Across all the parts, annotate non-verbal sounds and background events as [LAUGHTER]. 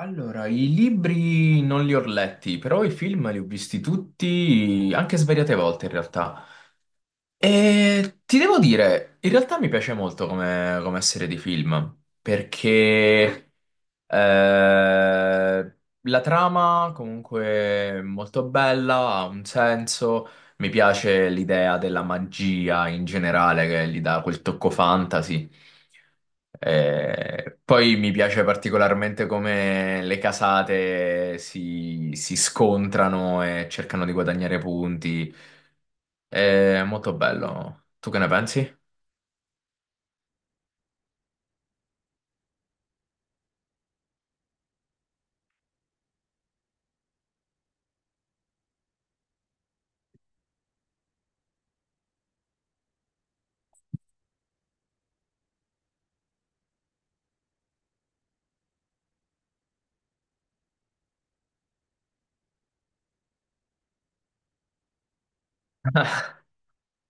Allora, i libri non li ho letti, però i film li ho visti tutti, anche svariate volte in realtà. E ti devo dire, in realtà mi piace molto come serie di film, perché eh, la trama comunque è molto bella, ha un senso, mi piace l'idea della magia in generale che gli dà quel tocco fantasy. Poi mi piace particolarmente come le casate si scontrano e cercano di guadagnare punti. È molto bello. Tu che ne pensi?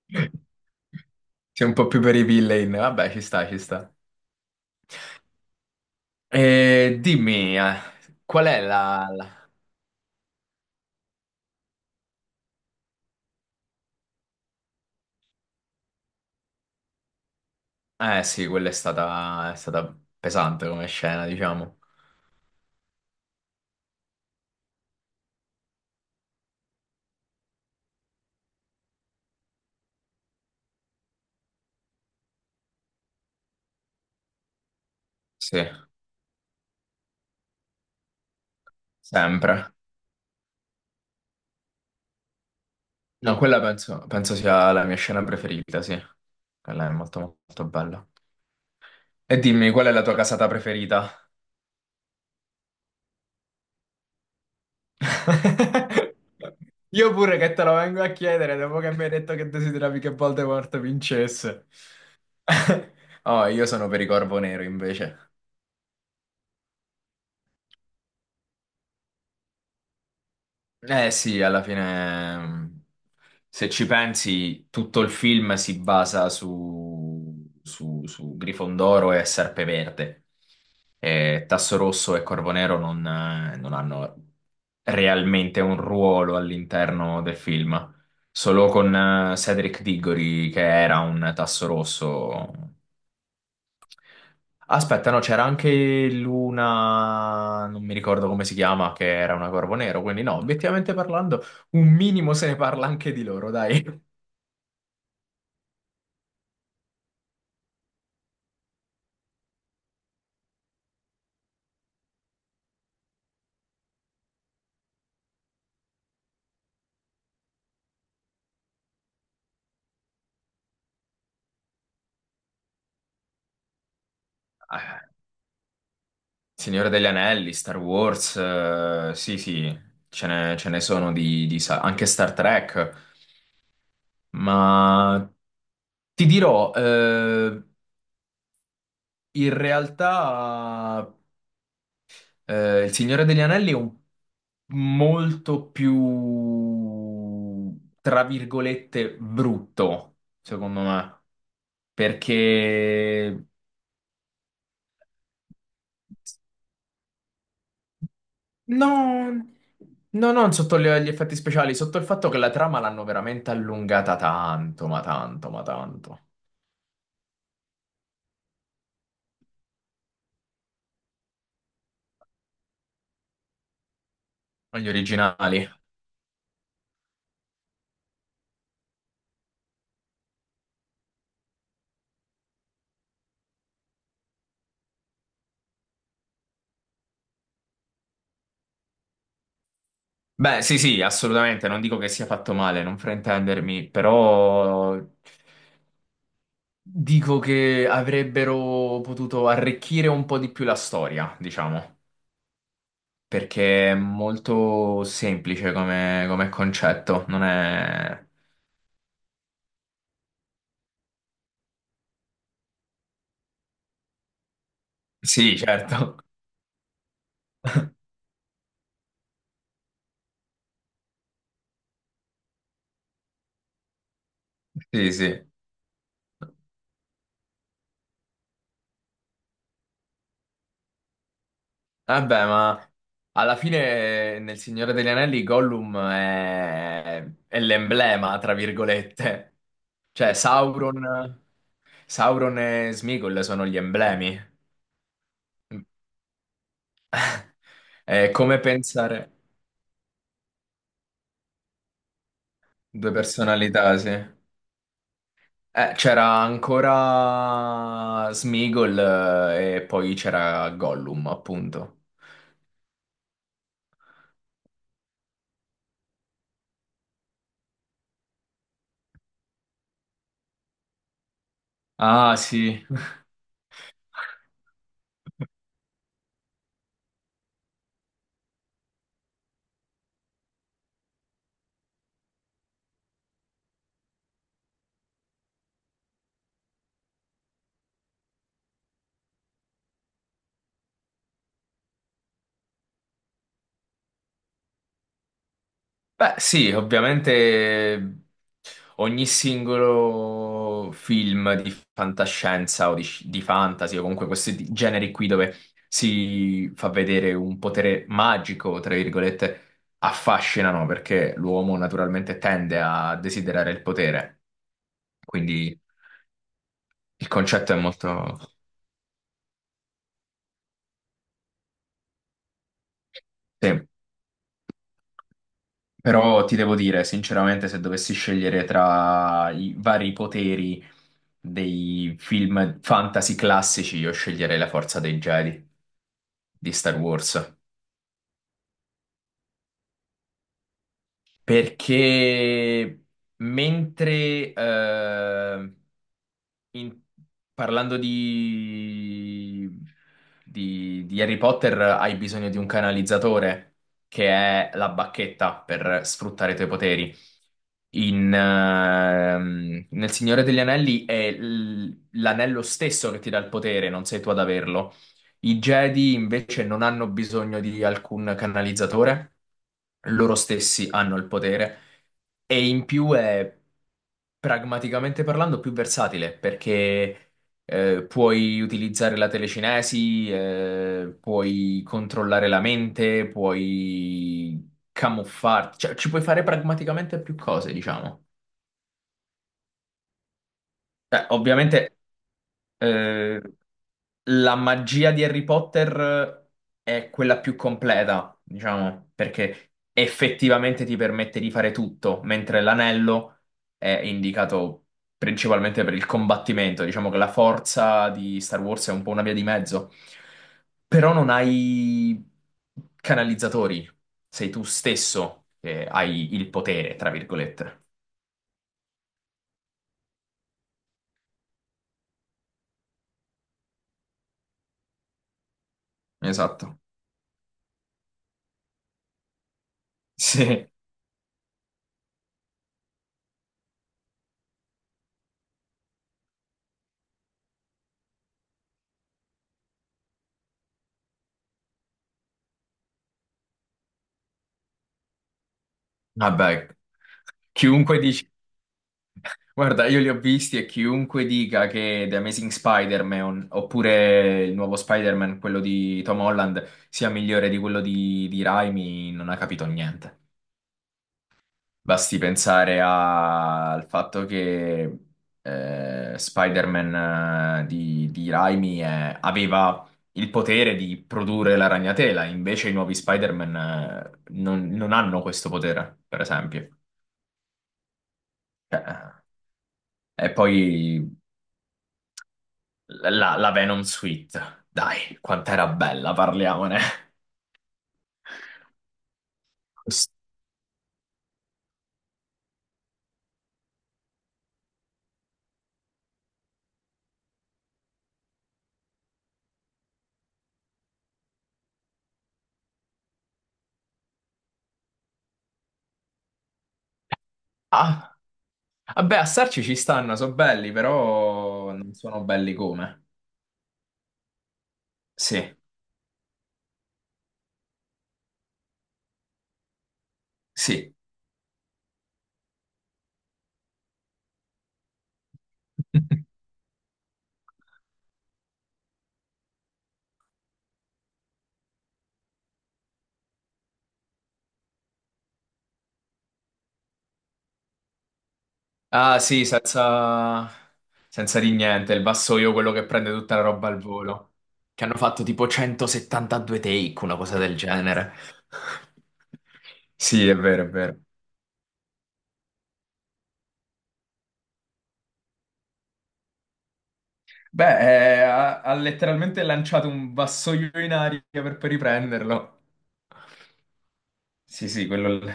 [LAUGHS] Sei un po' più per i villain. Vabbè, ci sta, ci sta. E dimmi, qual è Eh sì, quella è stata pesante come scena, diciamo. Sì, sempre. No, quella penso sia la mia scena preferita, sì. Quella è molto, molto bella. E dimmi, qual è la tua casata preferita? [LAUGHS] Io pure che te lo vengo a chiedere dopo che mi hai detto che desideravi che Voldemort vincesse. [LAUGHS] Oh, io sono per i Corvo Nero invece. Eh sì, alla fine, se ci pensi, tutto il film si basa su Grifondoro e Serpeverde. E Tasso Rosso e Corvo Nero non hanno realmente un ruolo all'interno del film. Solo con Cedric Diggory, che era un Tasso Rosso. Aspetta, no, c'era anche l'una, non mi ricordo come si chiama, che era una Corvo Nero, quindi no, obiettivamente parlando, un minimo se ne parla anche di loro, dai. Signore degli Anelli, Star Wars, sì, sì, ce ne sono anche Star Trek, ma ti dirò, in realtà Il Signore degli Anelli è un molto più, tra virgolette, brutto, secondo me, perché no, no, non sotto gli effetti speciali, sotto il fatto che la trama l'hanno veramente allungata tanto, ma tanto, ma tanto. Gli originali. Beh, sì, sì, assolutamente, non dico che sia fatto male, non fraintendermi, però dico che avrebbero potuto arricchire un po' di più la storia, diciamo, perché è molto semplice come concetto, non è... Sì, certo. [LAUGHS] Sì, sì. Vabbè, ma alla fine nel Signore degli Anelli Gollum è l'emblema, tra virgolette. Cioè, Sauron, Sauron e Smigol sono gli emblemi. È come pensare due personalità, sì. C'era ancora Smeagol e poi c'era Gollum, appunto. Ah, sì. [LAUGHS] Beh, sì, ovviamente ogni singolo film di fantascienza o di fantasy o comunque questi generi qui dove si fa vedere un potere magico, tra virgolette, affascinano perché l'uomo naturalmente tende a desiderare il potere. Quindi il concetto è molto... sì. Però ti devo dire, sinceramente, se dovessi scegliere tra i vari poteri dei film fantasy classici, io sceglierei la forza dei Jedi di Star Wars. Perché mentre In- parlando di... di Harry Potter, hai bisogno di un canalizzatore, che è la bacchetta per sfruttare i tuoi poteri. Nel Signore degli Anelli è l'anello stesso che ti dà il potere, non sei tu ad averlo. I Jedi invece non hanno bisogno di alcun canalizzatore, loro stessi hanno il potere e in più è pragmaticamente parlando più versatile perché puoi utilizzare la telecinesi, puoi controllare la mente, puoi camuffarti, cioè ci puoi fare pragmaticamente più cose, diciamo. Ovviamente eh, la magia di Harry Potter è quella più completa, diciamo, perché effettivamente ti permette di fare tutto, mentre l'anello è indicato principalmente per il combattimento. Diciamo che la forza di Star Wars è un po' una via di mezzo, però non hai canalizzatori, sei tu stesso che hai il potere, tra virgolette. Esatto. [LAUGHS] Sì, vabbè, chiunque dici guarda, io li ho visti e chiunque dica che The Amazing Spider-Man oppure il nuovo Spider-Man, quello di Tom Holland, sia migliore di quello di Raimi, non ha capito niente. Basti pensare al fatto che Spider-Man di Raimi aveva il potere di produrre la ragnatela, invece i nuovi Spider-Man non hanno questo potere, per esempio. Cioè, e poi. La Venom Suite, dai, quant'era bella, parliamone. Ah, vabbè, a starci ci stanno, sono belli, però non sono belli come. Sì, sì. [LAUGHS] Ah, sì, senza... senza di niente, il vassoio, quello che prende tutta la roba al volo. Che hanno fatto tipo 172 take, una cosa del genere. [LAUGHS] Sì, è vero, è vero. Beh, ha letteralmente lanciato un vassoio in aria per poi riprenderlo. Sì, sì, quello...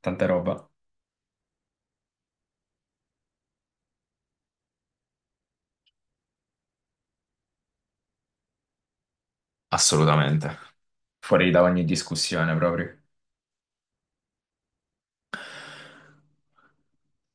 Tanta roba. Assolutamente. Fuori da ogni discussione proprio.